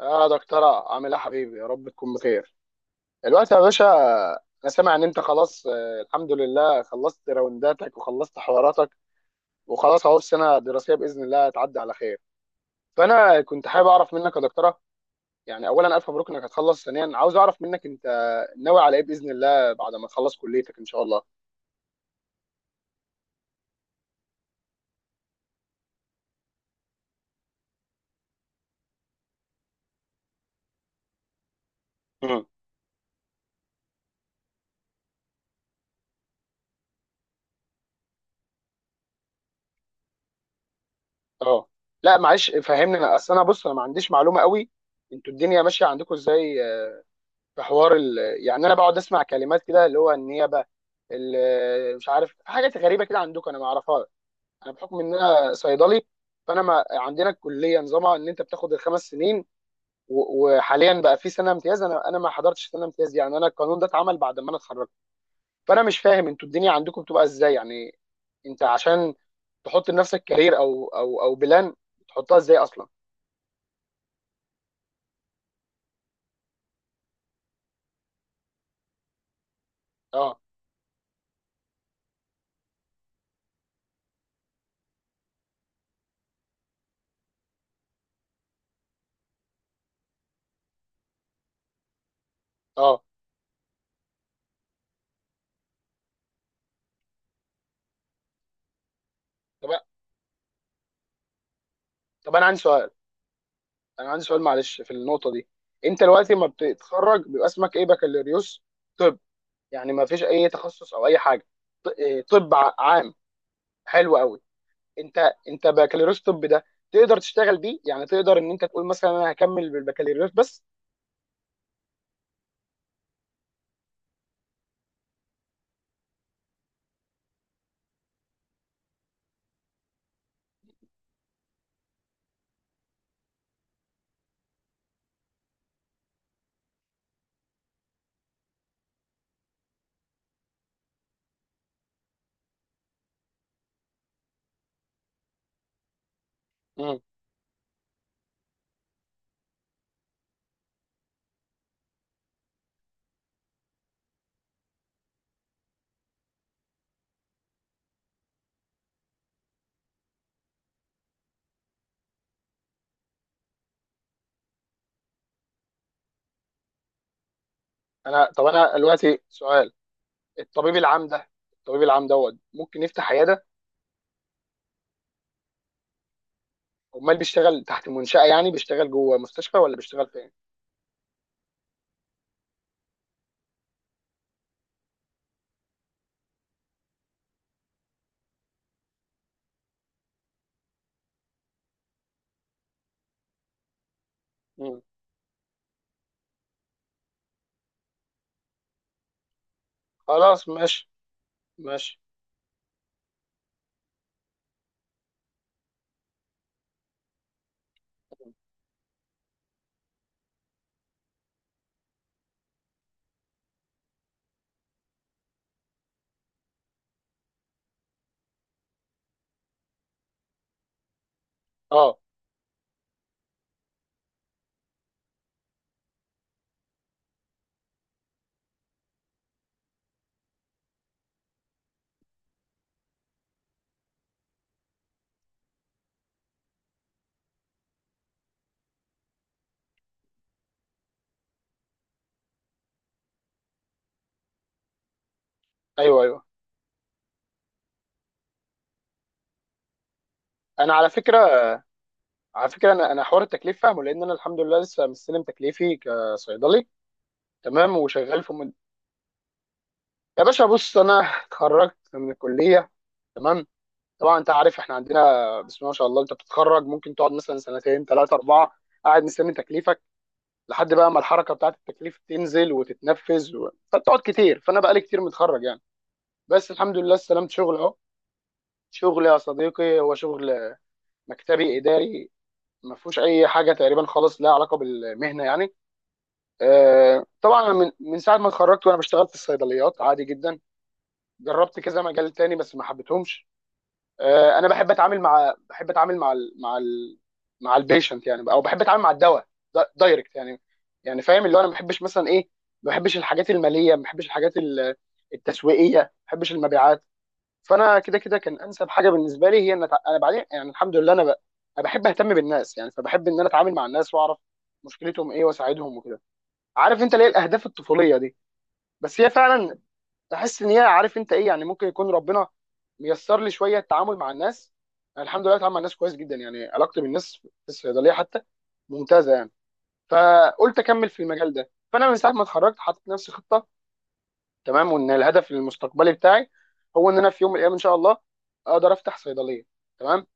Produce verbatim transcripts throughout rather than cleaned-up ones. اه، دكتورة، عامل ايه يا حبيبي؟ يا رب تكون بخير الوقت يا باشا. انا سامع ان انت خلاص، آه، الحمد لله خلصت راونداتك وخلصت حواراتك وخلاص اهو السنة الدراسية بإذن الله هتعدي على خير. فانا كنت حابب اعرف منك يا دكتورة، يعني اولا الف مبروك انك هتخلص. ثانيا عاوز اعرف منك، انت ناوي على ايه بإذن الله بعد ما تخلص كليتك ان شاء الله؟ مم. اه، لا معلش فهمني، انا اصل انا بص، انا ما عنديش معلومة قوي انتوا الدنيا ماشية عندكم ازاي. في حوار ال... يعني انا بقعد اسمع كلمات كده اللي هو النيابه، ال- مش عارف، في حاجات غريبه كده عندكم انا ما اعرفها. انا بحكم ان انا صيدلي، فانا ما عندنا الكليه نظامها ان انت بتاخد الخمس سنين، و- وحاليا بقى في سنه امتياز. انا انا ما حضرتش سنه امتياز، يعني انا القانون ده اتعمل بعد ما انا اتخرجت. فانا مش فاهم انتوا الدنيا عندكم بتبقى ازاي يعني. انت عشان تحط لنفسك كارير او او او بلان، بتحطها ازاي اصلا؟ اه، اه، طب طب، انا عندي سؤال انا عندي سؤال معلش في النقطه دي. انت دلوقتي ما بتتخرج بيبقى اسمك ايه؟ بكالوريوس؟ طب يعني ما فيش اي تخصص او اي حاجه؟ ط- إيه، طب ع- عام؟ حلو قوي. انت انت بكالوريوس طب ده تقدر تشتغل بيه؟ يعني تقدر ان انت تقول مثلا انا هكمل بالبكالوريوس بس؟ مم. انا طب انا دلوقتي سؤال. الطبيب العام ده، الطبيب العام دوت ممكن يفتح عياده؟ امال بيشتغل تحت منشأة؟ يعني بيشتغل جوه مستشفى ولا بيشتغل فين؟ مم. خلاص ماشي، ماشي. اه، ايوه ايوه. انا على فكره، على فكره انا انا حوار التكليف فاهمه، لان انا الحمد لله لسه مستلم تكليفي كصيدلي تمام، وشغال في مد... يا باشا بص، انا اتخرجت من الكليه تمام. طبعا انت عارف احنا عندنا، بسم الله ما شاء الله، انت بتتخرج ممكن تقعد مثلا سنتين ثلاثه اربعه قاعد مستني تكليفك، لحد بقى ما الحركه بتاعت التكليف تنزل وتتنفذ و... فبتقعد كتير. فانا بقالي كتير متخرج يعني، بس الحمد لله استلمت شغل اهو. شغل يا صديقي، هو شغل مكتبي اداري، ما فيهوش اي حاجه تقريبا خالص لها علاقه بالمهنه يعني. آه، طبعا أنا من من ساعه ما اتخرجت وانا بشتغل في الصيدليات عادي جدا. جربت كذا مجال تاني بس ما حبيتهمش. آه، انا بحب اتعامل مع، بحب اتعامل مع ال... مع ال... مع البيشنت يعني، او بحب اتعامل مع الدواء دا- دايركت يعني. يعني فاهم اللي هو انا ما بحبش مثلا ايه، ما بحبش الحاجات الماليه، ما بحبش الحاجات ال- التسويقيه، ما بحبش المبيعات. فانا كده كده كان انسب حاجه بالنسبه لي هي ان أتع- انا بعدين يعني الحمد لله انا ب... انا بحب اهتم بالناس يعني. فبحب ان انا اتعامل مع الناس واعرف مشكلتهم ايه واساعدهم وكده. عارف انت ليه الاهداف الطفوليه دي؟ بس هي فعلا تحس ان هي، عارف انت ايه يعني، ممكن يكون ربنا ميسر لي شويه التعامل مع الناس. أنا الحمد لله بتعامل مع الناس كويس جدا يعني، علاقتي بالناس في الصيدليه حتى ممتازه يعني. فقلت اكمل في المجال ده. فانا من ساعه ما اتخرجت حاطط نفسي خطه تمام، وان الهدف المستقبلي بتاعي هو ان انا في يوم من الايام ان شاء الله اقدر افتح صيدليه تمام.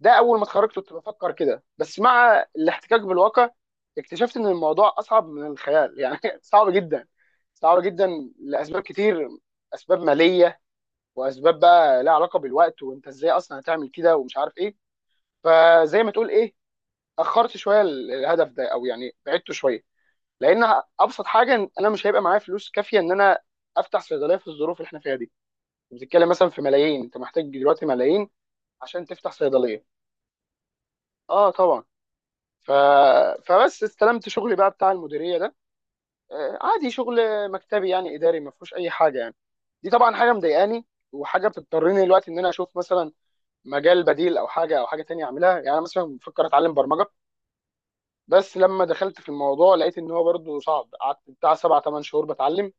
ده اول ما اتخرجت كنت بفكر كده، بس مع الاحتكاك بالواقع اكتشفت ان الموضوع اصعب من الخيال يعني صعب جدا، صعب جدا لاسباب كتير. اسباب ماليه، واسباب بقى لها علاقه بالوقت وانت ازاي اصلا هتعمل كده ومش عارف ايه. فزي ما تقول ايه، اخرت شويه ال- الهدف ده، او يعني بعدته شويه. لان ابسط حاجه إن انا مش هيبقى معايا فلوس كافيه ان انا افتح صيدليه في الظروف اللي احنا فيها دي. بتتكلم مثلا في ملايين، انت محتاج دلوقتي ملايين عشان تفتح صيدليه. اه طبعا. ف... فبس استلمت شغلي بقى بتاع المديريه ده، آه، عادي شغل مكتبي يعني اداري، ما فيهوش اي حاجه يعني. دي طبعا حاجه مضايقاني، وحاجه بتضطرني دلوقتي ان انا اشوف مثلا مجال بديل او حاجه او حاجه تانية اعملها. يعني انا مثلا بفكر اتعلم برمجه، بس لما دخلت في الموضوع لقيت ان هو برضه صعب. قعدت بتاع سبع ثمان شهور بتعلم،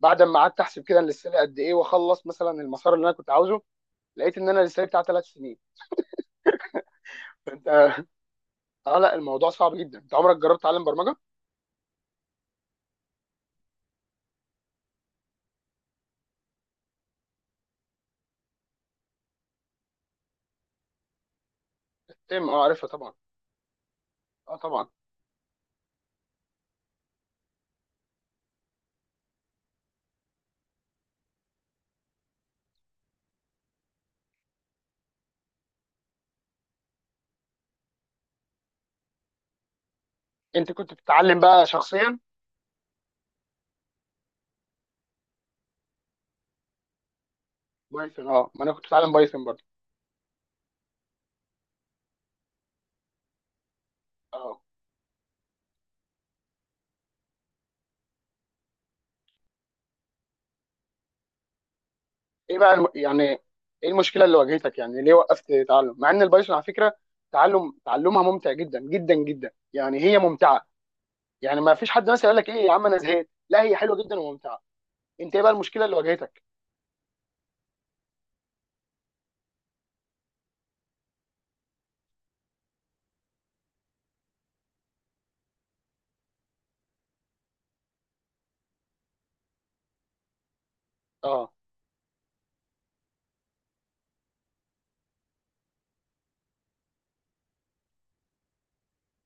بعد ما قعدت احسب كده انا لسه لي قد ايه واخلص مثلا المسار اللي انا كنت عاوزه، لقيت ان انا لسه لي بتاع ثلاث سنين. فانت اه لا الموضوع صعب جدا. انت عمرك جربت تعلم برمجه؟ تم، اه عارفها طبعا. اه طبعا. انت كنت بتتعلم بقى شخصيا؟ بايثون، اه، ما انا كنت بتعلم بايثون برضه. اه. ايه بقى الم... يعني ايه المشكله اللي واجهتك؟ يعني ليه وقفت تعلم؟ مع ان البايثون على فكره، تعلم، تعلمها ممتع جدا جدا جدا يعني، هي ممتعه يعني. ما فيش حد مثلا يقول لك ايه يا عم انا زهقت، لا هي حلوه جدا وممتعه. انت ايه بقى المشكله اللي واجهتك؟ اه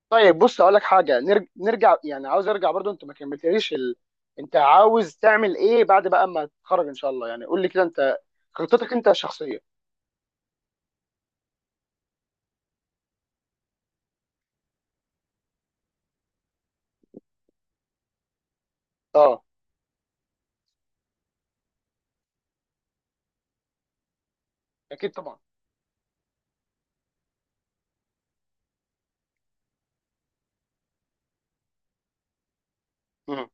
طيب. بص اقول لك حاجه، نرج... نرجع يعني، عاوز ارجع برضه، انت ما كملتليش ال... انت عاوز تعمل ايه بعد بقى ما تتخرج ان شاء الله؟ يعني قول لي كده انت خطتك انت الشخصيه. اه. اكيد طبعا. مم.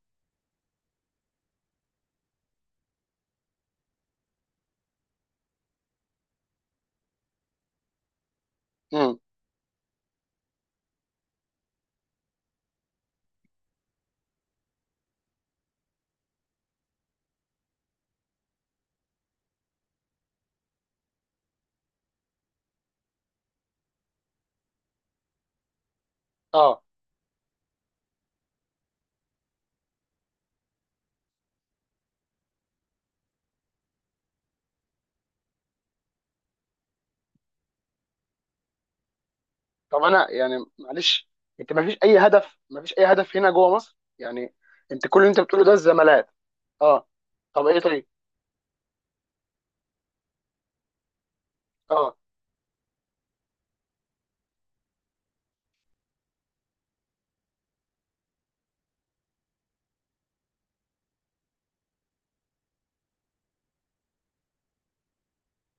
مم. اه. طب انا يعني معلش، انت ما فيش اي هدف، ما فيش اي هدف هنا جوه مصر يعني؟ انت كل اللي انت بتقوله ده الزمالات. اه. طب ايه طيب؟ اه.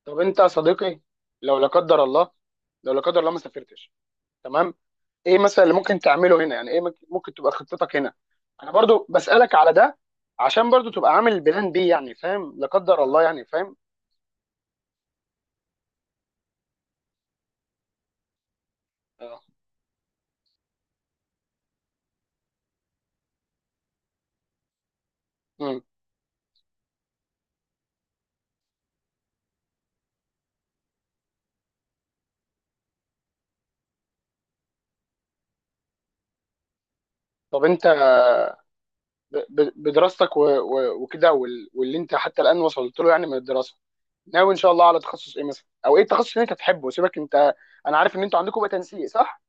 طب انت يا صديقي، لو لا قدر الله، لو لا قدر الله ما سافرتش تمام، ايه مثلا اللي ممكن تعمله هنا؟ يعني ايه ممكن، ممكن تبقى خطتك هنا؟ انا برضو بسألك على ده عشان برضو تبقى عامل بلان بي، يعني فاهم، لا قدر الله، يعني فاهم. اه. مم. طب انت، ب- ب- بدراستك و- و- وكده وال- واللي انت حتى الآن وصلت له يعني من الدراسة، ناوي ان شاء الله على تخصص ايه مثلا؟ او ايه التخصص اللي انت تحبه؟ سيبك انت، انا عارف ان انتوا عندكم بقى تنسيق صح؟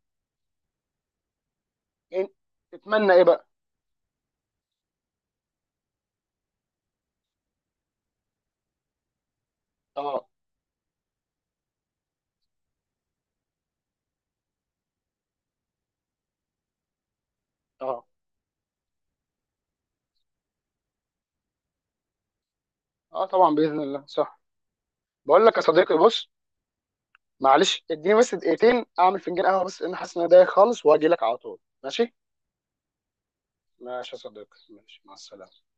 يعني تتمنى ايه بقى؟ اه. اه. اه طبعا باذن الله صح. بقول لك يا صديقي بص، معلش اديني بس دقيقتين اعمل فنجان قهوه، بس لان حاسس ان انا دايخ خالص واجي لك على طول. ماشي، ماشي يا صديقي، ماشي، مع السلامه.